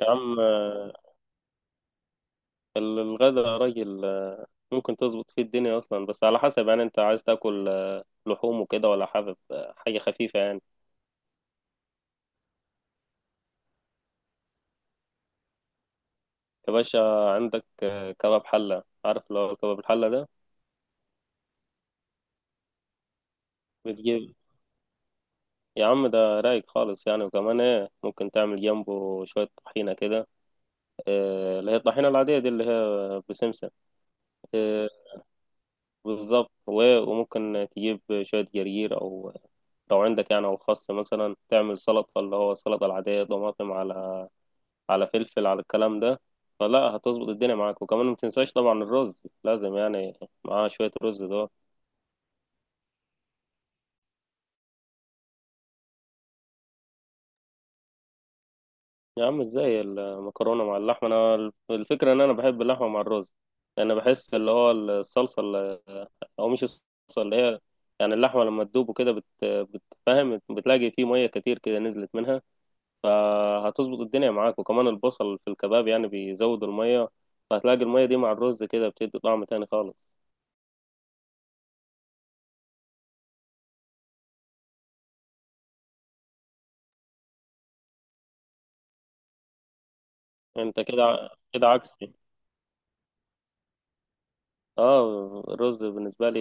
يا عم، الغدا يا راجل، ممكن تظبط فيه الدنيا اصلا، بس على حسب يعني انت عايز تاكل لحوم وكده، ولا حابب حاجه خفيفه يعني. يا باشا، عندك كباب حله، عارف لو كباب الحله ده بتجيب. يا عم ده رايق خالص يعني، وكمان ايه ممكن تعمل جنبه شويه طحينه كده، اللي هي الطحينه العاديه دي اللي هي بسمسم. آه، بالظبط، وممكن تجيب شويه جرجير او لو عندك يعني، او خس مثلا تعمل سلطه، اللي هو السلطه العاديه طماطم على فلفل على الكلام ده. فلا هتظبط الدنيا معاك، وكمان ما تنساش طبعا الرز لازم يعني معاه شوية رز ده. يا عم ازاي المكرونة مع اللحمة؟ انا الفكرة ان انا بحب اللحمة مع الرز، لان بحس اللي هو الصلصة اللي، او مش الصلصة اللي هي، يعني اللحمة لما تدوب وكده بتفهم، بتلاقي فيه مية كتير كده نزلت منها، فهتظبط الدنيا معاك، وكمان البصل في الكباب يعني بيزود المية، فهتلاقي المية دي مع الرز كده بتدي طعم تاني خالص. انت كده كده عكسي. اه، الرز بالنسبة لي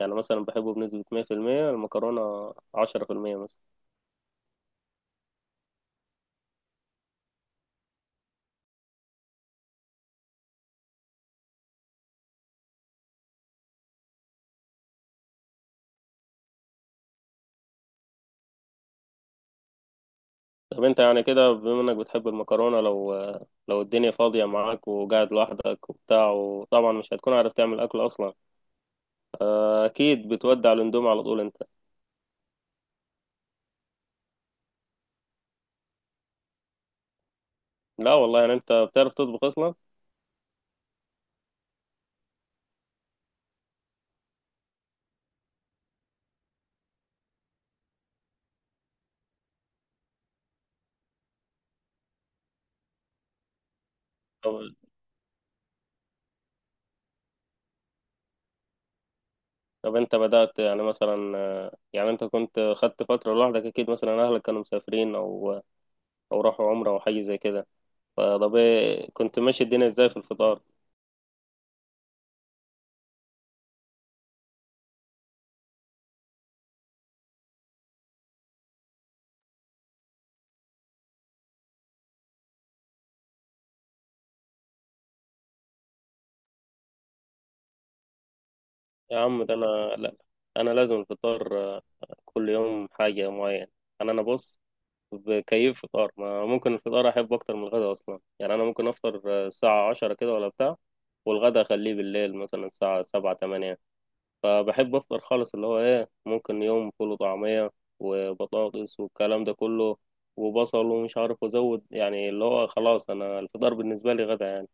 يعني مثلا بحبه بنسبة 100%، المكرونة 10% مثلا. طب انت يعني كده، بما انك بتحب المكرونة، لو الدنيا فاضية معاك وقاعد لوحدك وبتاع، وطبعا مش هتكون عارف تعمل أكل أصلا، أكيد بتودع الأندومي على طول انت. لا والله، يعني انت بتعرف تطبخ أصلا؟ طب, طب انت بدأت يعني مثلا، يعني انت كنت خدت فترة لوحدك أكيد، مثلا أهلك كانوا مسافرين أو راحوا عمرة أو حاجة زي كده، فطب ايه كنت ماشي الدنيا ازاي في الفطار؟ يا عم ده انا. لا، انا لازم الفطار كل يوم حاجه معينه. انا بص، بكيف فطار، ما ممكن الفطار احب اكتر من الغدا اصلا، يعني انا ممكن افطر الساعه 10 كده ولا بتاع، والغدا اخليه بالليل مثلا الساعه 7-8. فبحب افطر خالص، اللي هو ايه ممكن يوم فول وطعميه وبطاطس والكلام ده كله، وبصل، ومش عارف ازود، يعني اللي هو خلاص انا الفطار بالنسبه لي غدا يعني.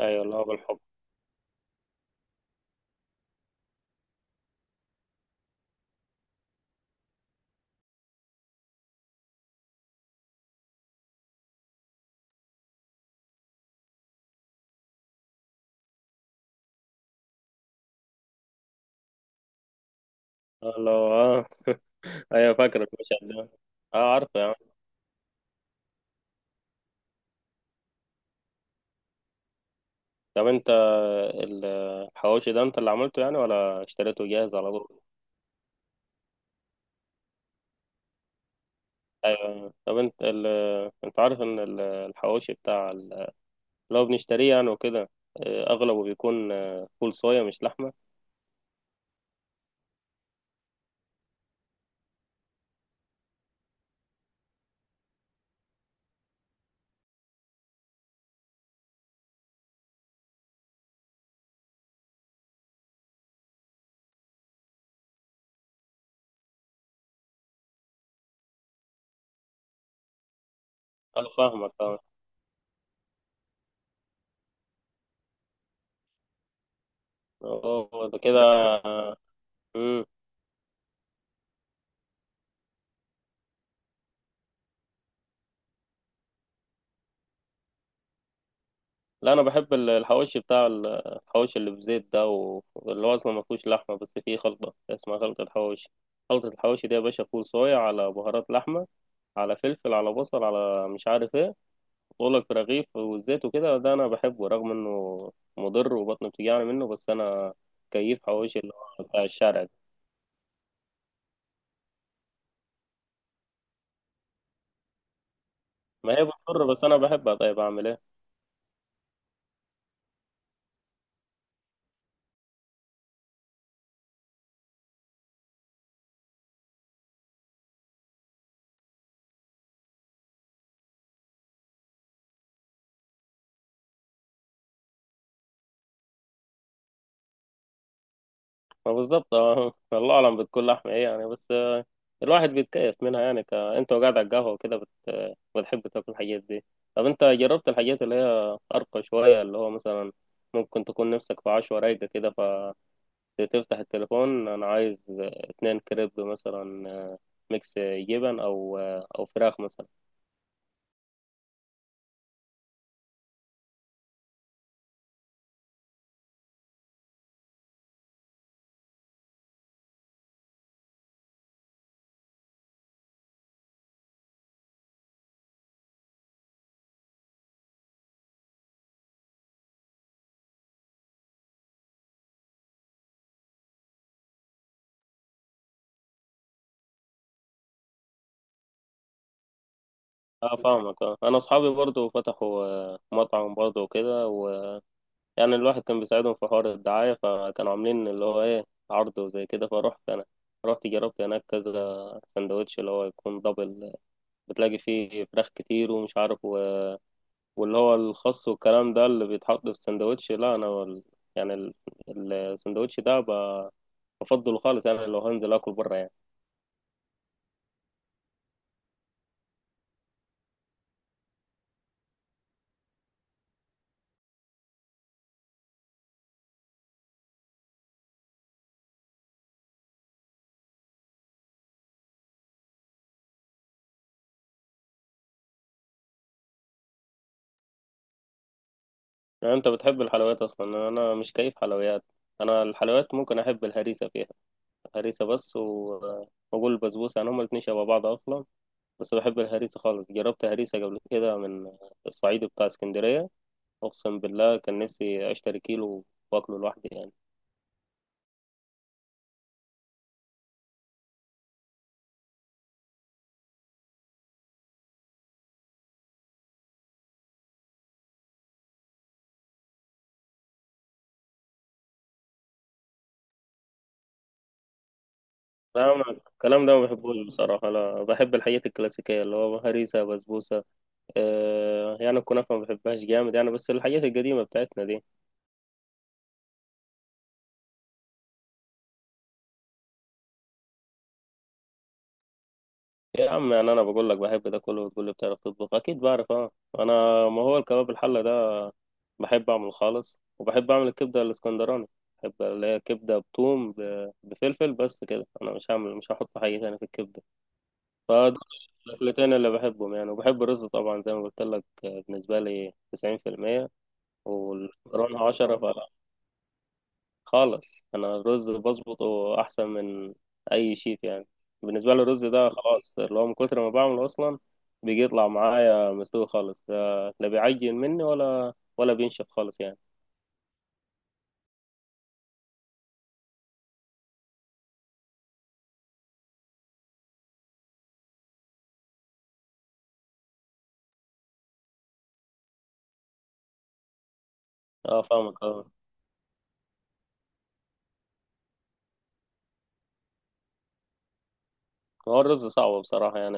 ايوه، اللي هو بالحب. اللي هو ايوه، فاكرك مش عارف. اه، عارفه. طب انت الحواوشي ده انت اللي عملته يعني، ولا اشتريته جاهز على طول؟ ايوه. طب انت انت عارف ان الحواوشي بتاع اللي هو بنشتريه يعني وكده، اه، اغلبه بيكون فول صويا مش لحمه. انا فاهمك طبعا. اه، ده كده. مم. لا، انا بحب الحواوشي بتاع الحواوشي اللي بزيت ده، واللي هو اصلا ما فيهوش لحمه، بس فيه خلطه اسمها خلطه حواوشي. خلطه الحواوشي دي يا باشا فول صويا على بهارات لحمه، على فلفل، على بصل، على مش عارف ايه. بقول لك رغيف والزيت وكده، ده انا بحبه رغم انه مضر وبطني بتوجعني منه، بس انا كيف حواوشي اللي هو بتاع الشارع ده. ما هي بتضر بس انا بحبها، طيب اعمل ايه؟ ما بالظبط الله اعلم بتكون لحمه ايه يعني، بس الواحد بيتكيف منها يعني، انت وقاعد على القهوه وكده بتحب تاكل الحاجات دي. طب انت جربت الحاجات اللي هي ارقى شويه، اللي هو مثلا ممكن تكون نفسك في عشوة رايقه كده، تفتح التليفون أنا عايز 2 كريب مثلا، ميكس جبن، أو فراخ مثلا. اه فاهمك، انا اصحابي برضو فتحوا مطعم برضو وكده، ويعني الواحد كان بيساعدهم في حوار الدعاية، فكانوا عاملين اللي هو ايه عرض وزي كده، فروحت انا، رحت جربت هناك كذا سندوتش اللي هو يكون دبل، بتلاقي فيه فراخ كتير ومش عارف، واللي هو الخس والكلام ده اللي بيتحط في السندوتش، لا انا يعني السندوتش ده بفضله خالص يعني، لو هنزل اكل بره يعني. يعني انت بتحب الحلويات اصلا؟ انا مش كيف حلويات، انا الحلويات ممكن احب الهريسه فيها، هريسه بس. واقول البسبوسه يعني هما الاتنين شبه بعض اصلا، بس بحب الهريسه خالص. جربت هريسه قبل كده من الصعيد بتاع اسكندريه، اقسم بالله كان نفسي اشتري كيلو واكله لوحدي يعني. لا، أنا الكلام ده ما بحبوش بصراحة، أنا بحب الحاجات الكلاسيكية اللي هو هريسة بسبوسة. يعني الكنافة ما بحبهاش جامد يعني، بس الحاجات القديمة بتاعتنا دي. يا عم، يعني انا بقول لك بحب ده كله وتقول لي بتعرف تطبخ؟ اكيد بعرف، اه انا، ما هو الكباب الحله ده بحب اعمله خالص، وبحب اعمل الكبده الاسكندراني. بحب اللي هي كبده بثوم، بفلفل بس كده، انا مش هعمل، مش هحط حاجه تاني في الكبده. فدول الاكلتين اللي بحبهم يعني، وبحب الرز طبعا زي ما قلت لك، بالنسبه لي 90% والمكرونه 10 خالص. انا الرز بظبطه احسن من اي شيف يعني، بالنسبه لي الرز ده خلاص، اللي هو من كتر ما بعمله اصلا بيجي يطلع معايا مستوي خالص، لا لا بيعجن مني ولا بينشف خالص يعني. اه فاهمك، هو الرز صعب بصراحه يعني،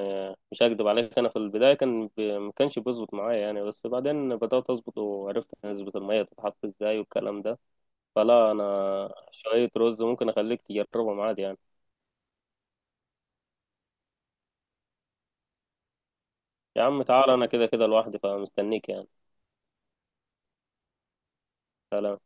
مش هكدب عليك، انا في البدايه كان ما كانش بيظبط معايا يعني، بس بعدين بدات اظبط وعرفت نسبه الميه تتحط ازاي والكلام ده، فلا انا. شويه رز ممكن اخليك تجربهم عادي يعني. يا عم تعال، انا كده كده لوحدي فمستنيك يعني. سلام.